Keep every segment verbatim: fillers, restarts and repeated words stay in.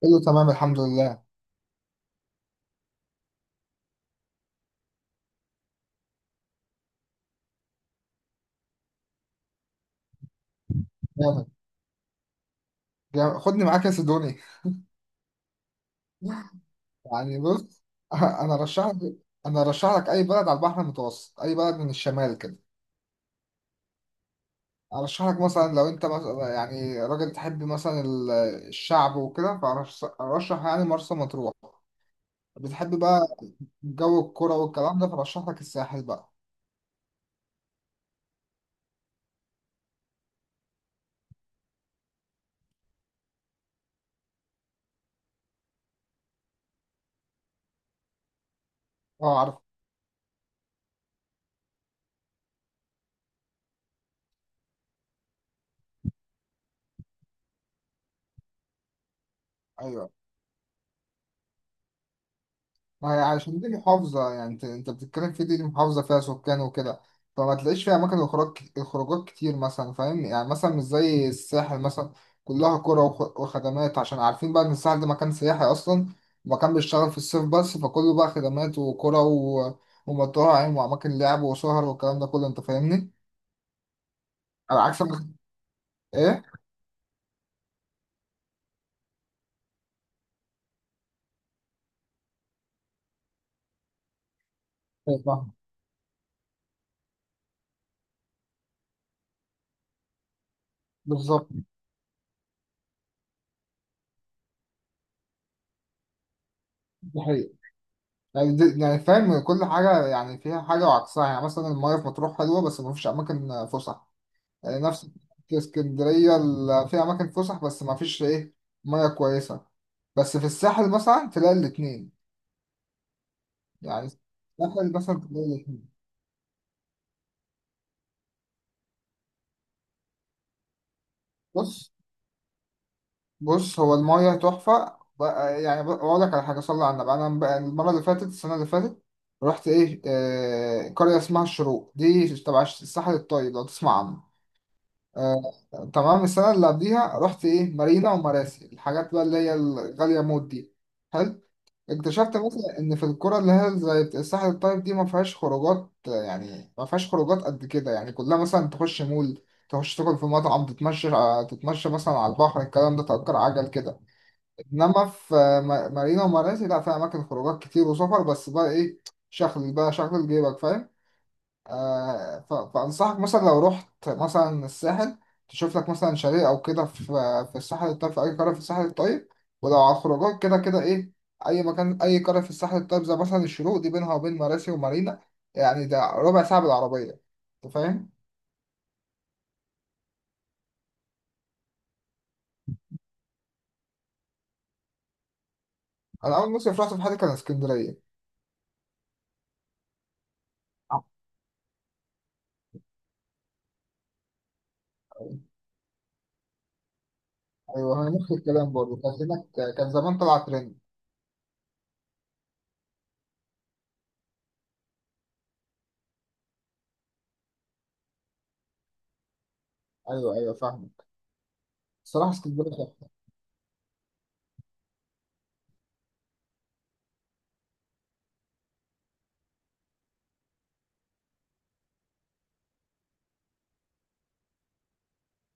كله تمام الحمد لله. جامد. جامد، خدني معاك يا سيدوني. يعني بص. انا رشح لك انا رشح لك اي بلد على البحر المتوسط، اي بلد من الشمال كده. ارشح لك مثلا لو انت مثلا يعني راجل تحب مثلا ال- الشعب وكده، فارشح يعني مرسى مطروح. بتحب بقى جو الكرة والكلام ده فرشح لك الساحل بقى. اه عارف. ايوه، ما هي عشان دي محافظة، يعني انت انت بتتكلم في دي, دي محافظة فيها سكان وكده، فما تلاقيش فيها أماكن خروج خروجات كتير مثلا، فاهم؟ يعني مثلا مش زي الساحل مثلا، كلها قرى وخ- وخدمات عشان عارفين بقى إن الساحل ده مكان سياحي أصلا، مكان بيشتغل في الصيف بس، فكله بقى خدمات وقرى و- ومطاعم وأماكن لعب وسهر والكلام ده كله. أنت فاهمني؟ على عكس ما- إيه؟ أيوة فاهم. بالظبط. دي حقيقة، يعني, دي يعني فاهم كل حاجة، يعني فيها حاجة وعكسها، يعني مثلا المياه في مطروح حلوة بس مفيش أماكن فسح، يعني نفس اسكندرية ال- في أماكن فسح بس ما فيش إيه، مياه كويسة، بس في الساحل مثلا تلاقي الاتنين. يعني الساحل مثلا تلاقي الاتنين بص. بص، هو المياه تحفة. بقى- يعني ب- أقول لك على حاجة، صلى على النبي، أنا بقى المرة اللي فاتت، السنة اللي فاتت رحت إيه آه قرية اسمها الشروق، دي تبع الساحل الطيب، لو تسمع عنه. آه تمام. السنة اللي قبليها رحت إيه مارينا ومراسي، الحاجات بقى اللي هي الغالية موت دي. حلو. اكتشفت مثلا ان في الكرة اللي هي زي الساحل الطيب دي ما فيهاش خروجات، يعني ما فيهاش خروجات قد كده، يعني كلها مثلا تخش مول، تخش تاكل في مطعم، تتمشى آه، تتمشى مثلا على البحر، الكلام ده تأجر عجل كده. انما في م- مارينا ومراسي، لا فيها اماكن خروجات كتير وسفر، بس بقى ايه، شغل بقى، شغل جيبك فاهم. آه، ف- فأنصحك مثلا لو رحت مثلا الساحل، تشوف لك مثلا شاليه أو كده في في الساحل الطيب، في أي قرية في الساحل الطيب، ولو على الخروجات كده كده إيه، أي مكان أي قرية في الساحل الطيب، زي مثلا الشروق دي، بينها وبين مراسي ومارينا يعني ده ربع ساعة بالعربية. أنت فاهم؟ أنا أول مصيف رحت في حياتي كان اسكندرية. أيوه، هي نفس الكلام برضه، كان هناك كان زمان طلع ترند. أيوه أيوه فاهم. الصراحة اسكندرية تحفة.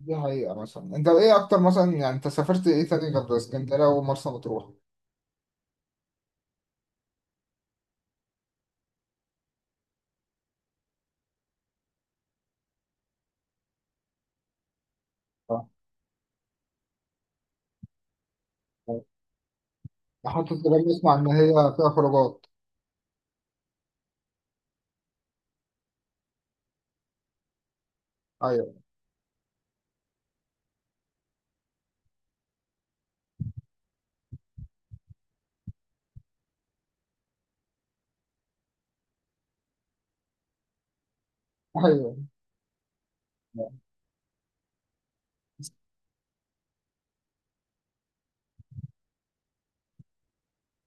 دي حقيقة. مثلا أنت إيه أكتر، مثلا يعني أنت سافرت إيه تاني غير اسكندرية ومرسى مطروح؟ محطة الرمل، اسمع إن هي فيها خروجات. أيوه أيوه.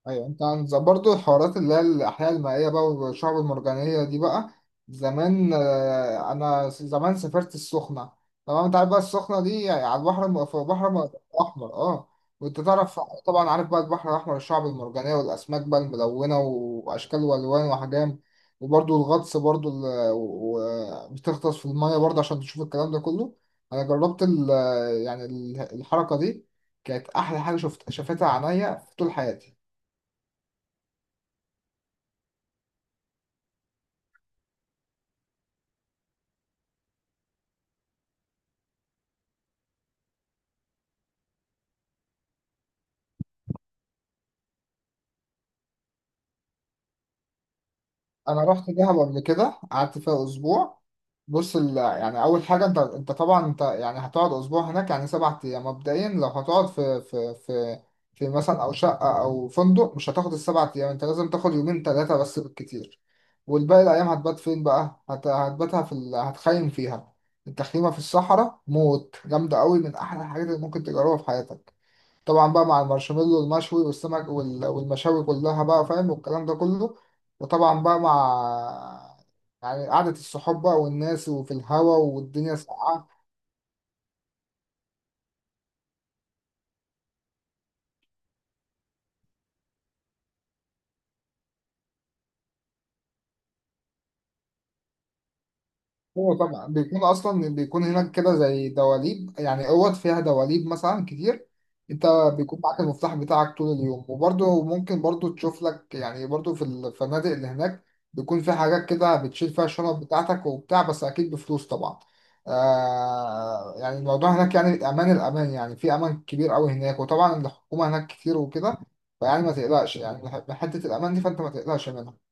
ايوه، انت عن برضه الحوارات اللي هي الاحياء المائيه بقى والشعب المرجانيه دي بقى. زمان آه، انا س- زمان سافرت السخنه. تمام، انت عارف بقى السخنه دي، يعني على البحر الم- في البحر الم- الاحمر. اه وانت تعرف طبعا، عارف بقى البحر الاحمر، الشعب المرجانيه والاسماك بقى الملونه واشكال والوان واحجام، وبرضه الغطس برضه ال- و- و- بتغطس في الميه برضه عشان تشوف الكلام ده كله. انا جربت ال- يعني ال- الحركه دي، كانت احلى حاجه شفت شافتها عينيا في طول حياتي. انا رحت دهب قبل كده، قعدت فيها اسبوع. بص ال... يعني اول حاجه، انت انت طبعا انت يعني هتقعد اسبوع هناك، يعني سبعة ايام مبدئيا، لو هتقعد في في في في مثلا او شقه او فندق، مش هتاخد السبعة ايام، انت لازم تاخد يومين ثلاثه بس بالكتير، والباقي الايام هتبات فين بقى، هت... هتباتها في ال... هتخيم فيها. التخييمه في الصحراء موت جامده قوي، من احلى الحاجات اللي ممكن تجربها في حياتك. طبعا بقى مع المارشميلو والمشوي والسمك وال- والمشاوي كلها بقى، فاهم، والكلام ده كله. وطبعا بقى مع يعني قعدة الصحاب بقى والناس وفي الهوا والدنيا ساقعة. هو طبعا بيكون اصلا، بيكون هناك كده زي دواليب، يعني اوض فيها دواليب مثلا كتير. انت بيكون معاك المفتاح بتاعك طول اليوم، وبرضه ممكن برضه تشوف لك، يعني برضه في الفنادق اللي هناك بيكون في حاجات كده بتشيل فيها الشنط بتاعتك وبتاع، بس اكيد بفلوس طبعا. آه، يعني الموضوع هناك يعني امان، الامان يعني في امان كبير قوي هناك، وطبعا الحكومة هناك كتير وكده، فيعني ما تقلقش يعني من حتة الامان دي، فانت ما تقلقش منها.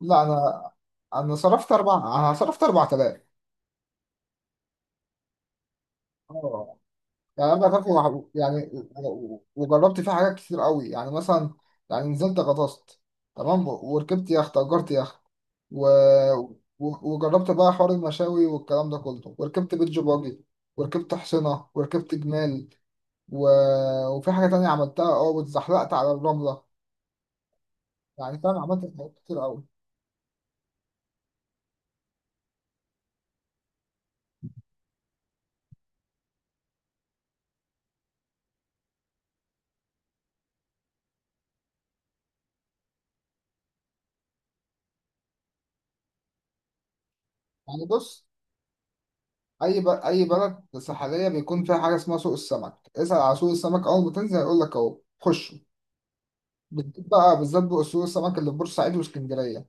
لا. انا انا صرفت اربع انا صرفت اربع تلاف. اه. يعني انا فاكره مع- يعني و- و- وجربت فيه حاجات كتير قوي، يعني مثلا يعني نزلت غطست، تمام، و- وركبت يخت، اجرت يخت و... و- وجربت بقى حوار المشاوي والكلام ده كله، وركبت بيتش باجي وركبت حصينة وركبت جمال و... وفي حاجة تانية عملتها اه، واتزحلقت على الرملة. يعني فاهم، عملت حاجات كتير قوي. يعني بص، أي ب... أي بلد ساحلية بيكون فيها حاجة اسمها سوق السمك، اسأل على سوق السمك أول ما تنزل هيقول لك أهو خش. بتجيب بقى بالذات بأصول السمك اللي في بورسعيد واسكندرية.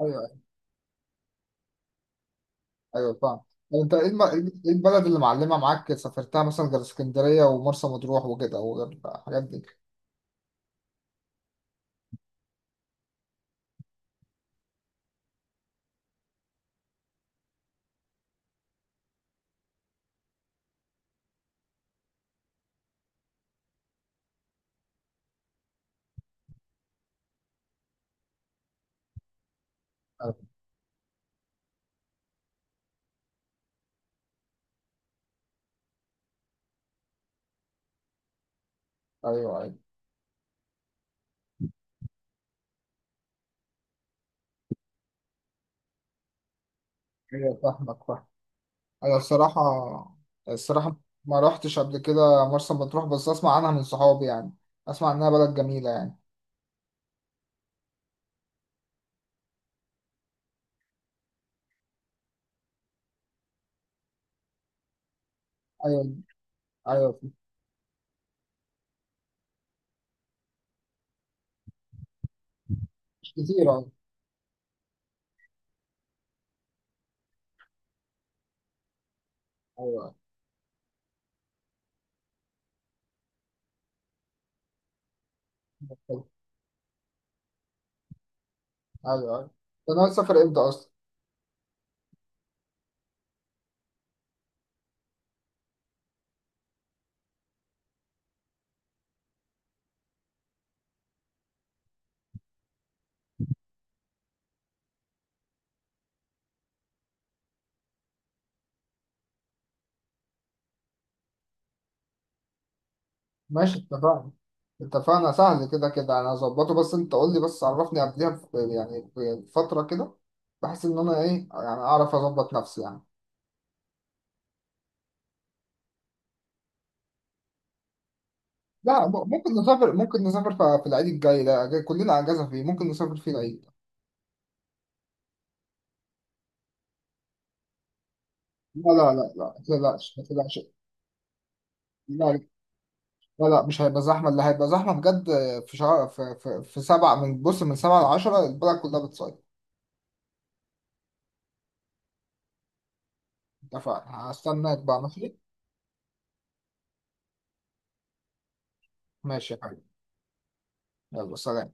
ايوه ايوه فاهم. طب انت ايه الم- إيه البلد اللي معلمة معاك سافرتها مثلا غير اسكندرية ومرسى مطروح وكده وغير الحاجات دي. ايوه ايوه ايوه فاهمك فاهم. انا الصراحة، الصراحة ما رحتش قبل كده مرسى مطروح، بس اسمع عنها من صحابي يعني، اسمع انها بلد جميلة يعني. ايوه ايوه. مش كتير ايوه. ايوه ايوه أيوة. انت ناوي تسافر امتى اصلا؟ ماشي اتفقنا. اتفقنا، سهل، كده كده انا هظبطه، بس انت قول لي، بس عرفني قبلها ب- يعني بفترة كده، بحيث ان انا ايه يعني اعرف اظبط نفسي يعني. لا، م- ممكن نسافر، ممكن نسافر ف- في العيد الجاي ده، جاي- كلنا اجازة فيه، ممكن نسافر فيه العيد. لا لا لا لا، ما تقلقش ما تقلقش. لا. لا لا، مش هيبقى زحمة، اللي هيبقى زحمة بجد في شهر في, في, في سبعة، من بص، من سبعة لعشرة البلد كلها بتصيف. اتفقنا، هستناك بقى ماشي. ماشي يا حبيبي. يلا سلام.